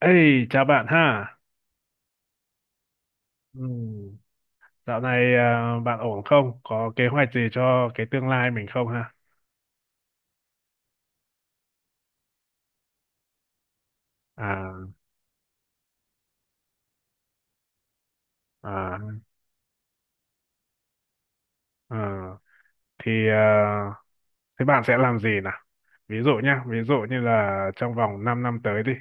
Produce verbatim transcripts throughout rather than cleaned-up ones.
Ê, chào bạn ha. Ừm, Dạo này à, bạn ổn không? Có kế hoạch gì cho cái tương lai mình không ha? À, à, à. Thì à, thế bạn sẽ làm gì nào? Ví dụ nhá, ví dụ như là trong vòng 5 năm tới đi,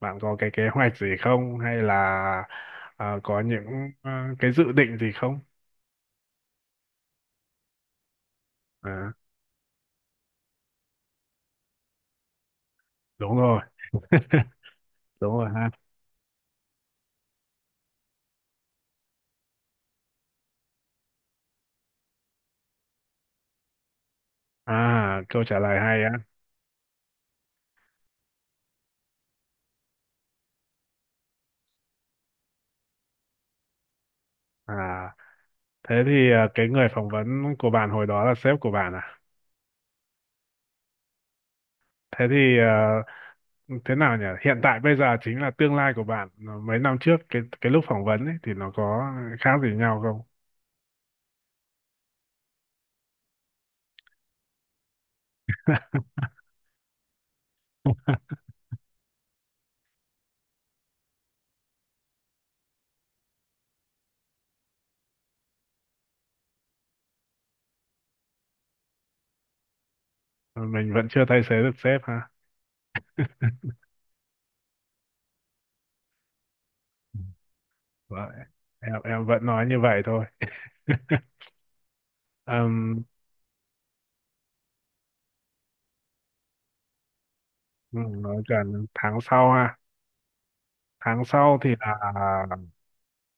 bạn có cái kế hoạch gì không? Hay là à, có những à, cái dự định gì không? À, đúng rồi, đúng rồi ha. À, câu trả lời hay á. À, thế thì à, cái người phỏng vấn của bạn hồi đó là sếp của bạn à? Thế thì ờ, thế nào nhỉ? Hiện tại bây giờ chính là tương lai của bạn. Ờ, mấy năm trước cái cái lúc phỏng vấn ấy thì nó có khác gì nhau không? Ờ, mình vẫn chưa thay thế được sếp ha. Ừ. Vậy. Em em vẫn nói như vậy thôi. Ừm, ừ, nói gần tháng sau ha. Tháng sau thì là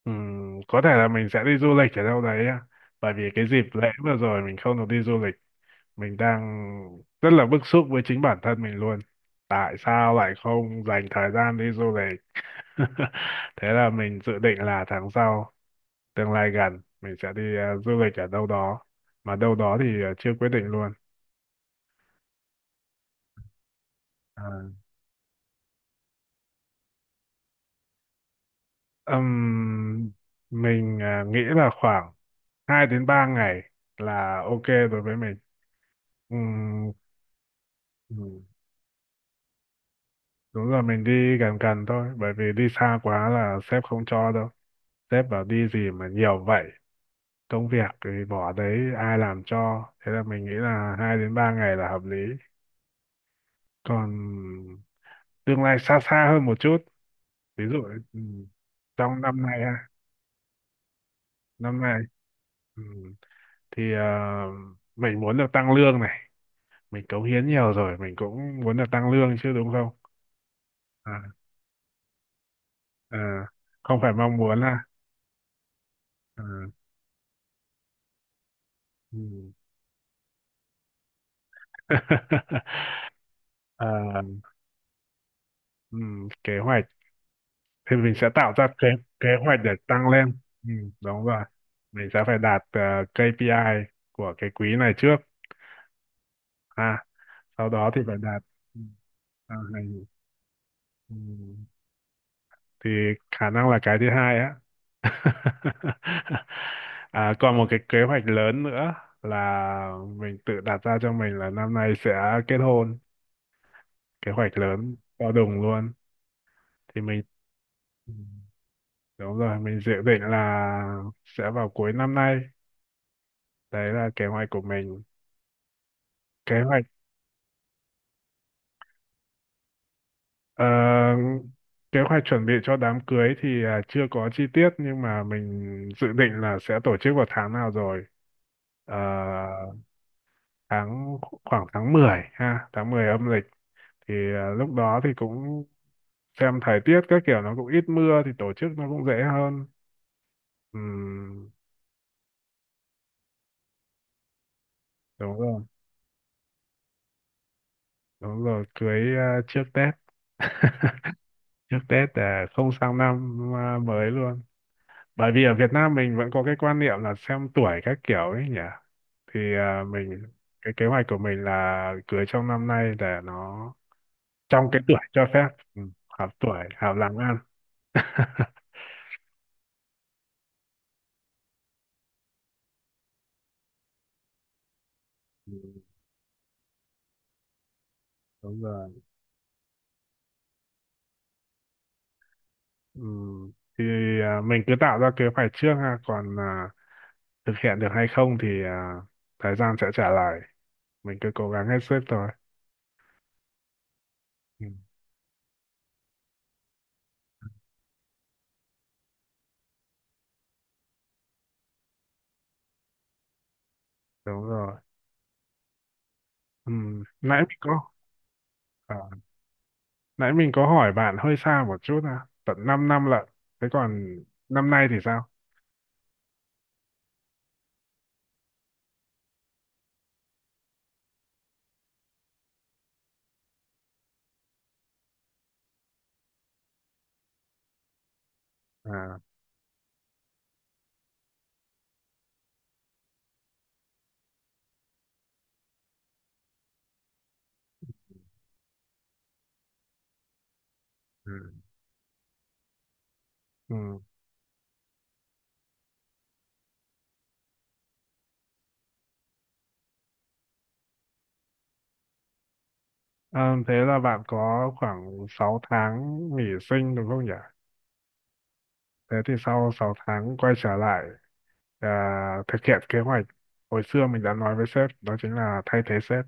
ừm, có thể là mình sẽ đi du lịch ở đâu đấy á. Bởi vì cái dịp lễ vừa rồi mình không được đi du lịch, mình đang rất là bức xúc với chính bản thân mình luôn, tại sao lại không dành thời gian đi du lịch. Thế là mình dự định là tháng sau, tương lai gần mình sẽ đi ờ, du lịch ở đâu đó, mà đâu đó thì ờ, chưa quyết định luôn. À, ừm, mình ờ, nghĩ là khoảng hai đến ba ngày là ok đối với mình. Ừm, ừm, đúng rồi, mình đi gần gần thôi bởi vì đi xa quá là sếp không cho đâu, sếp bảo đi gì mà nhiều vậy, công việc thì bỏ đấy ai làm cho, thế là mình nghĩ là hai đến ba ngày là hợp lý. Còn tương lai xa xa hơn một chút, ví dụ ừ, trong năm nay ha, năm nay ừ, thì ờ, mình muốn được tăng lương này, mình cống hiến nhiều rồi mình cũng muốn được tăng lương chứ đúng không. à, à, không phải mong muốn là à, ừ. Ờ, ừ, kế hoạch thì mình sẽ tạo ra kế kế hoạch để tăng lên. Ừ, đúng rồi, mình sẽ phải đạt ờ, kê pi ai của cái quý này trước à sau đó thì phải đạt. Ừ, à, hay. Ừ, thì khả năng là cái thứ hai á. À, còn một cái kế hoạch lớn nữa là mình tự đặt ra cho mình, là năm nay sẽ kết hôn, kế hoạch lớn to đùng luôn. Thì mình ừ, đúng rồi, mình dự định là sẽ vào cuối năm nay, đấy là kế hoạch của mình. kế hoạch ờ, kế hoạch chuẩn bị cho đám cưới thì à, chưa có chi tiết nhưng mà mình dự định là sẽ tổ chức vào tháng nào rồi. Ờ, tháng khoảng tháng mười ha, tháng mười âm lịch, thì à, lúc đó thì cũng xem thời tiết các kiểu, nó cũng ít mưa thì tổ chức nó cũng dễ hơn. Ừm, đúng rồi, đúng rồi, cưới à, trước Tết, trước Tết để không sang năm à, mới luôn, bởi vì ở Việt Nam mình vẫn có cái quan niệm là xem tuổi các kiểu ấy nhỉ. Thì à, mình, cái kế hoạch của mình là cưới trong năm nay để nó trong cái tuổi cho phép. Ừ, hợp tuổi hợp làm ăn. Ừ, đúng rồi ừ. Thì à, mình cứ tạo ra kế hoạch trước ha, còn à, thực hiện được hay không thì à, thời gian sẽ trả lời, mình cứ cố gắng hết sức thôi. Ừ, đúng rồi. ừ. nãy mình có à, Nãy mình có hỏi bạn hơi xa một chút, à, tận 5 năm lận. Thế còn năm nay thì sao? À, ừ. Ừ. Ờ, thế là bạn có khoảng sáu tháng nghỉ sinh đúng không nhỉ? Thế thì sau sáu tháng quay trở lại à, thực hiện kế hoạch hồi xưa mình đã nói với sếp, đó chính là thay thế sếp.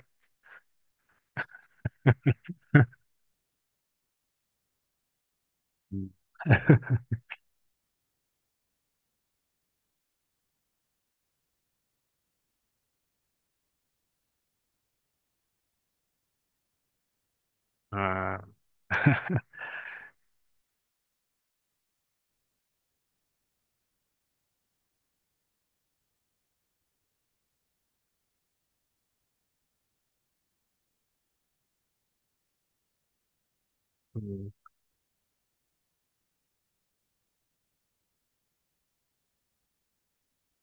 Ừ. À,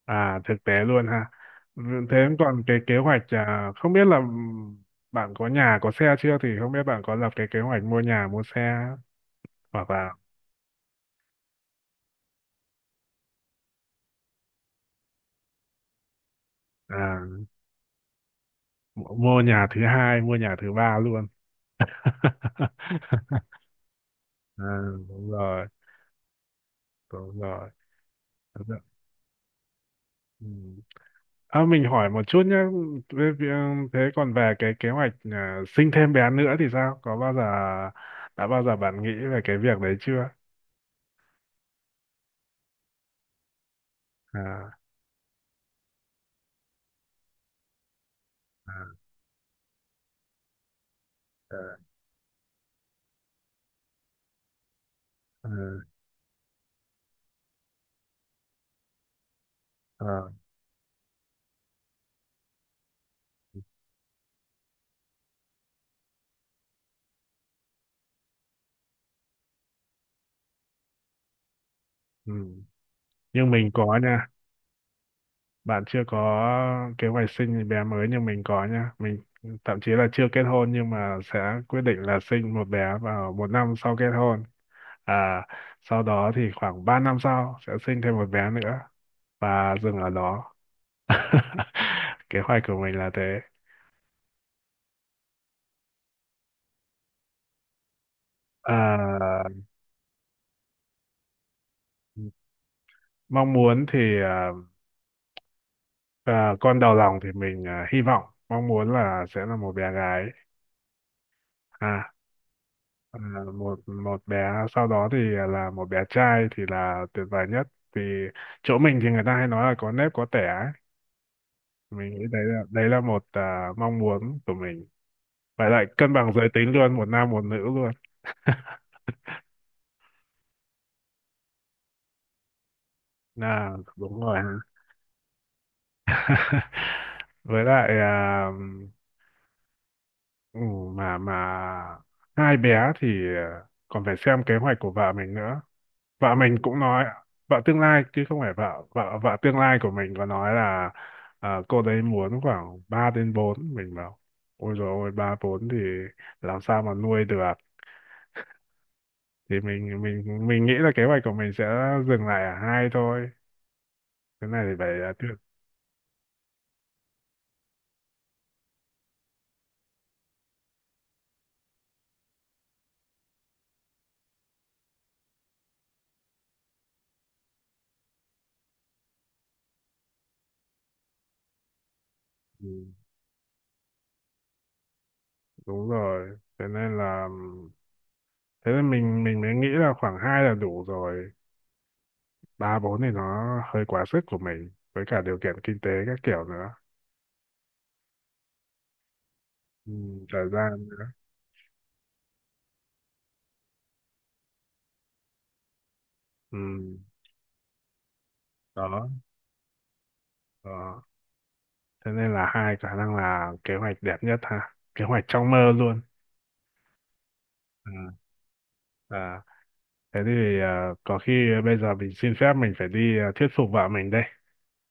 à, thực tế luôn ha. V- Thế còn cái kế hoạch à, không biết là ừm, bạn có nhà có xe chưa, thì không biết bạn có lập cái kế hoạch mua nhà mua xe, hoặc là à, mu- mua nhà thứ hai, mua nhà thứ ba luôn. À, đúng rồi, đúng rồi. Đúng rồi. Ừ. À, mình hỏi một chút nhé, thế thế còn về cái kế hoạch à, sinh thêm bé nữa thì sao? Có bao giờ đã bao giờ bạn nghĩ về cái việc đấy chưa? À, à, à, à, à. Ừ. Nhưng mình có nha, bạn chưa có kế hoạch sinh bé mới nhưng mình có nha. Mình thậm chí là chưa kết hôn nhưng mà sẽ quyết định là sinh một bé vào một năm sau kết hôn. À, sau đó thì khoảng ba năm sau sẽ sinh thêm một bé nữa và dừng ở đó. Kế hoạch của mình là thế. À, mong muốn thì à, à, con đầu lòng thì mình à, hy vọng, mong muốn là sẽ là một bé gái. À. À, một một bé, sau đó thì là một bé trai thì là tuyệt vời nhất, vì chỗ mình thì người ta hay nói là có nếp có tẻ ấy. Mình nghĩ đấy là đấy là một à, mong muốn của mình, phải lại cân bằng giới tính luôn, một nam một nữ luôn. Là đúng rồi. Với lại à, Ừ, mà mà hai bé thì ờ, còn phải xem kế hoạch của vợ mình nữa. Vợ mình cũng nói, vợ tương lai, chứ không phải vợ, vợ vợ tương lai của mình có nói là ờ, cô đấy muốn khoảng ba đến bốn, mình bảo ôi rồi ôi, ba bốn thì làm sao mà nuôi được. Thì mình mình mình nghĩ là kế hoạch của mình sẽ dừng lại ở hai thôi. Cái này thì phải ờ, tự- ừ, đúng rồi. Thế nên là thế nên mình mình mới nghĩ là khoảng hai là đủ rồi, ba bốn thì nó hơi quá sức của mình, với cả điều kiện kinh tế các kiểu nữa. Ừ, thời gian nữa. Ừ, đó đó Thế nên là hai khả năng là kế hoạch đẹp nhất ha, kế hoạch trong mơ luôn. à, à, Thế thì à, có khi bây giờ mình xin phép, mình phải đi à, thuyết phục vợ mình đây,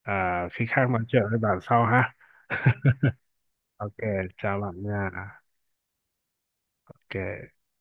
à, khi khác nói chuyện với bạn sau ha. Ok, chào bạn nha. Ok.